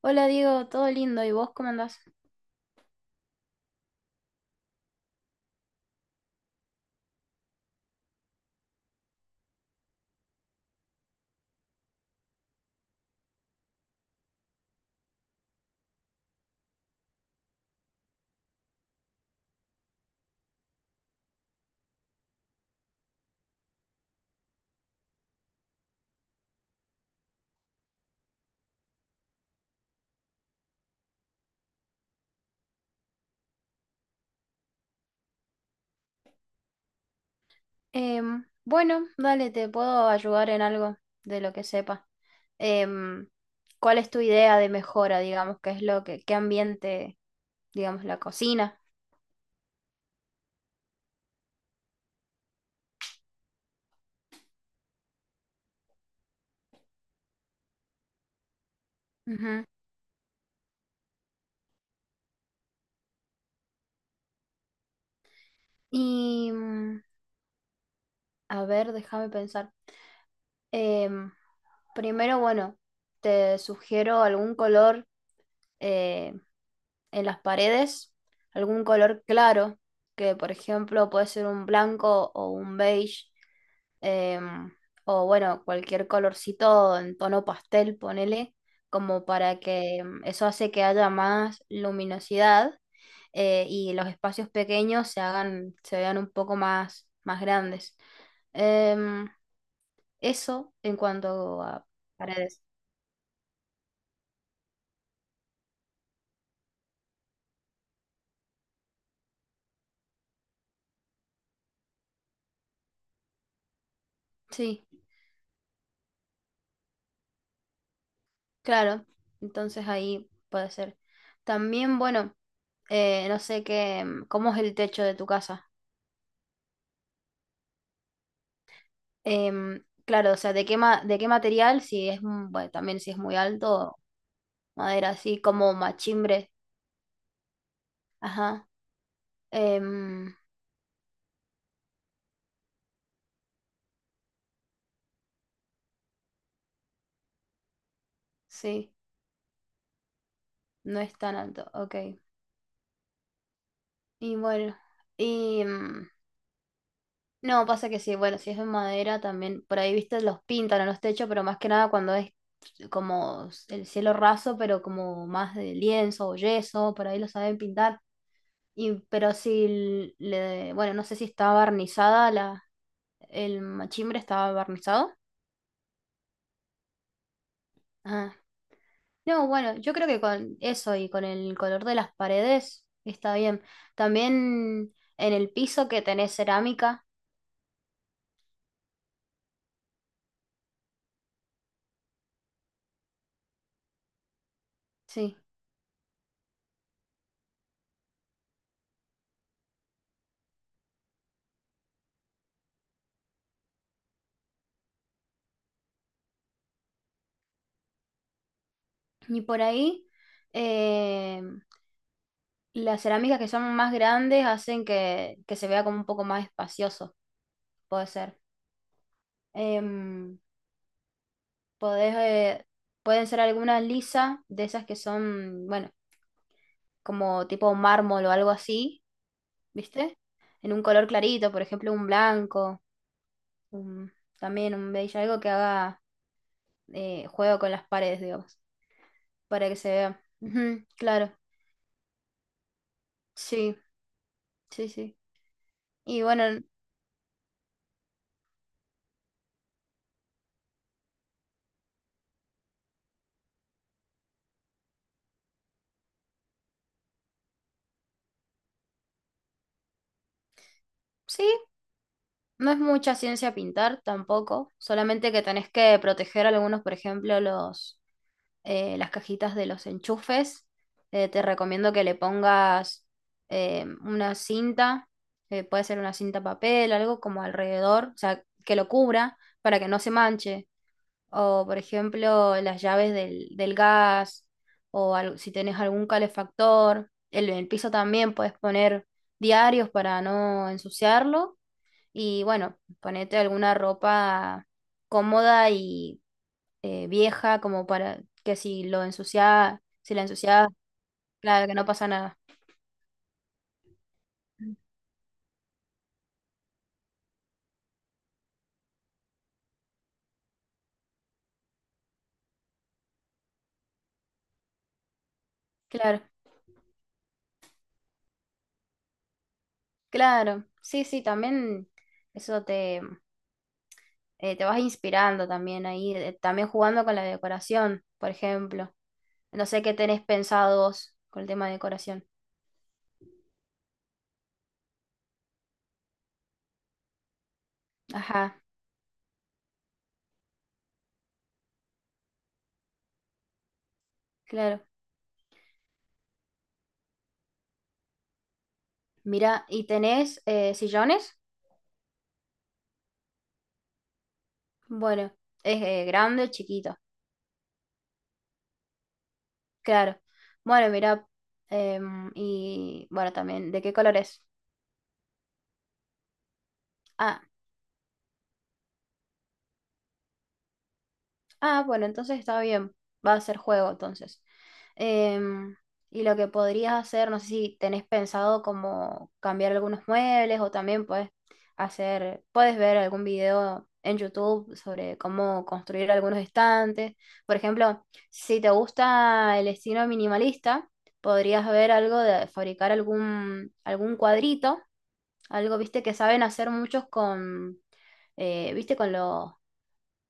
Hola Diego, todo lindo, ¿y vos cómo andás? Bueno, dale, te puedo ayudar en algo de lo que sepa. Em, ¿Cuál es tu idea de mejora, digamos? ¿Qué es lo que, qué ambiente, digamos, la cocina? Ujú. Y mm, a ver, déjame pensar. Em, Primero, bueno, te sugiero algún color eh, en las paredes, algún color claro, que por ejemplo puede ser un blanco o un beige, em, o bueno, cualquier colorcito en tono pastel, ponele, como para que eso hace que haya más luminosidad, y los espacios pequeños se hagan, se vean un poco más, más grandes. Em, Eso en cuanto a paredes. Sí, claro. Entonces ahí puede ser. También, bueno, no sé qué, mm, cómo es el techo de tu casa. Claro, o sea, de qué, de qué material, si es, mm, bueno, también si es muy alto, madera así como machimbre. Ajá. Em, sí, no es tan alto, ok. Y bueno, y mm, no, pasa que sí, bueno, si es de madera también, por ahí, viste, los pintan en los techos, pero más que nada cuando es como el cielo raso, pero como más de lienzo o yeso, por ahí lo saben pintar. Y, pero si le, bueno, no sé si estaba barnizada la, el machimbre estaba barnizado. Ah. No, bueno, yo creo que con eso y con el color de las paredes está bien. También en el piso que tenés cerámica, sí. Y por ahí, eh, las cerámicas que son más grandes hacen que se vea como un poco más espacioso, puede ser. Em, podés, eh, pueden ser algunas lisas de esas que son, bueno, como tipo mármol o algo así, ¿viste? En un color clarito, por ejemplo, un blanco, un- también un beige, algo que haga juego con las paredes, digamos, para que se vea. Ujú, claro, sí, sí, sí. Y bueno, sí, no es mucha ciencia pintar tampoco, solamente que tenés que proteger algunos, por ejemplo, los las cajitas de los enchufes. Te recomiendo que le pongas una cinta, puede ser una cinta papel, algo como alrededor, o sea, que lo cubra para que no se manche. O, por ejemplo, las llaves del, del gas, o al- si tenés algún calefactor. El piso también puedes poner diarios para no ensuciarlo. Y bueno, ponete alguna ropa cómoda y vieja como para que si lo ensuciaba, si la ensuciaba, claro, que no pasa nada. Claro, claro. Sí, sí, también eso te, te vas inspirando también ahí, también jugando con la decoración, por ejemplo. No sé qué tenés pensado vos con el tema de decoración. Ajá, claro. Mira, ¿y tenés sillones? Bueno, es grande, chiquito, claro. Bueno, mira, y bueno, también, ¿de qué colores? Ah, bueno, entonces está bien. Va a ser juego entonces. Em, y lo que podrías hacer, no sé si tenés pensado como cambiar algunos muebles o también puedes hacer, puedes ver algún video en YouTube sobre cómo construir algunos estantes. Por ejemplo, si te gusta el estilo minimalista, podrías ver algo de fabricar algún, algún cuadrito, algo, viste, que saben hacer muchos con, viste, con los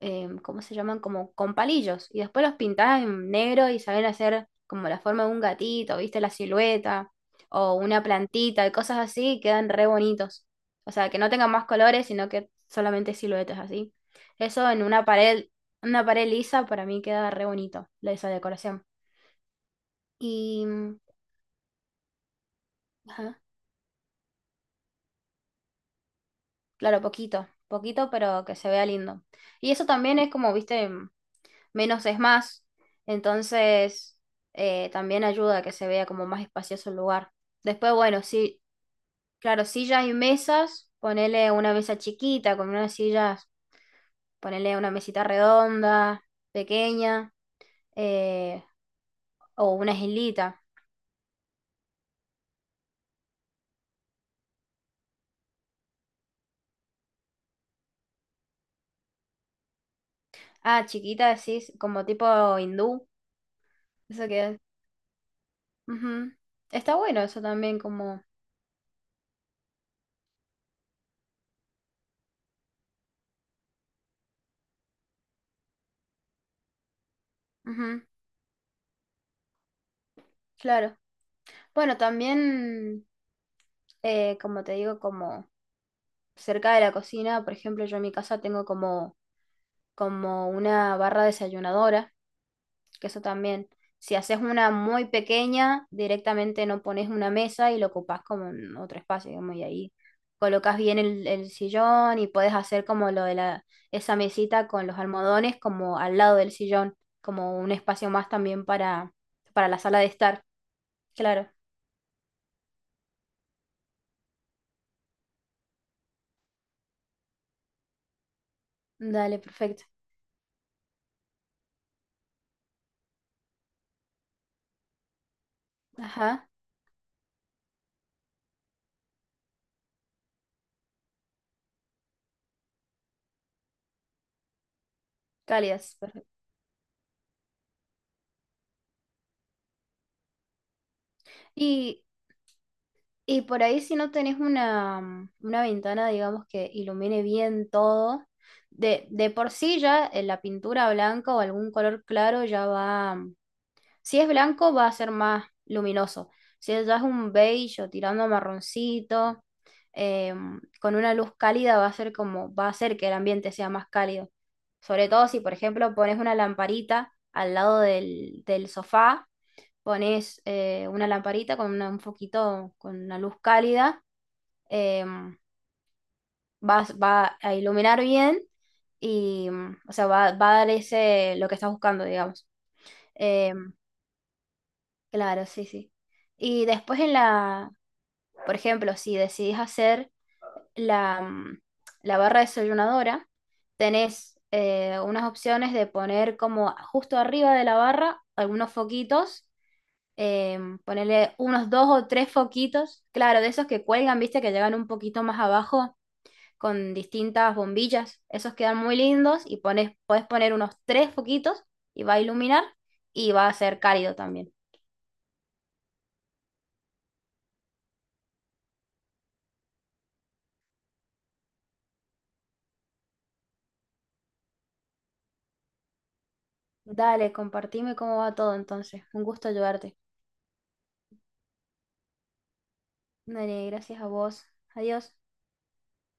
¿cómo se llaman? Como con palillos. Y después los pintás en negro y saben hacer como la forma de un gatito, ¿viste? La silueta o una plantita y cosas así, y quedan re bonitos. O sea, que no tengan más colores, sino que solamente siluetas así. Eso en una pared lisa para mí queda re bonito, la- esa decoración. Y, mm, ajá, claro, poquito, poquito, pero que se vea lindo. Y eso también es como, viste, menos es más. Entonces, también ayuda a que se vea como más espacioso el lugar. Después, bueno, sí, claro, sillas y mesas, ponele una mesa chiquita con unas sillas, ponele una mesita redonda, pequeña, eh, o una islita. Ah, chiquita, sí, como tipo hindú. Eso que es. Ujú. Está bueno eso también, como. Ujú, claro. Bueno, también, como te digo, como cerca de la cocina, por ejemplo, yo en mi casa tengo como, como una barra desayunadora, que eso también, si haces una muy pequeña, directamente no pones una mesa y lo ocupás como en otro espacio, digamos, y ahí colocas bien el sillón y puedes hacer como lo de la, esa mesita con los almohadones como al lado del sillón, como un espacio más también para la sala de estar. Claro, dale, perfecto. Ajá, cálidas, perfecto. Y Y por ahí si no tenés una, mm, una ventana, digamos, que ilumine bien todo, de por sí ya la pintura blanca o algún color claro ya va, mm, si es blanco va a ser más luminoso, si es- ya es un beige o tirando a marroncito, con una luz cálida va a ser como, va a hacer que el ambiente sea más cálido. Sobre todo si, por ejemplo, pones una lamparita al lado del, del sofá, pones una lamparita con una- un foquito, con una luz cálida, em, vas- va a iluminar bien y, mm, o sea, va, va a dar ese, lo que estás buscando, digamos. Em, claro, sí, sí. Y después en la, por ejemplo, si decidís hacer la, mm, la barra desayunadora, tenés unas opciones de poner como justo arriba de la barra algunos foquitos, ponerle unos dos o tres foquitos, claro, de esos que cuelgan, viste, que llegan un poquito más abajo con distintas bombillas, esos quedan muy lindos y pones, podés poner unos tres foquitos y va a iluminar y va a ser cálido también. Dale, compartime cómo va todo entonces. Un gusto ayudarte. Dale, gracias a vos. Adiós.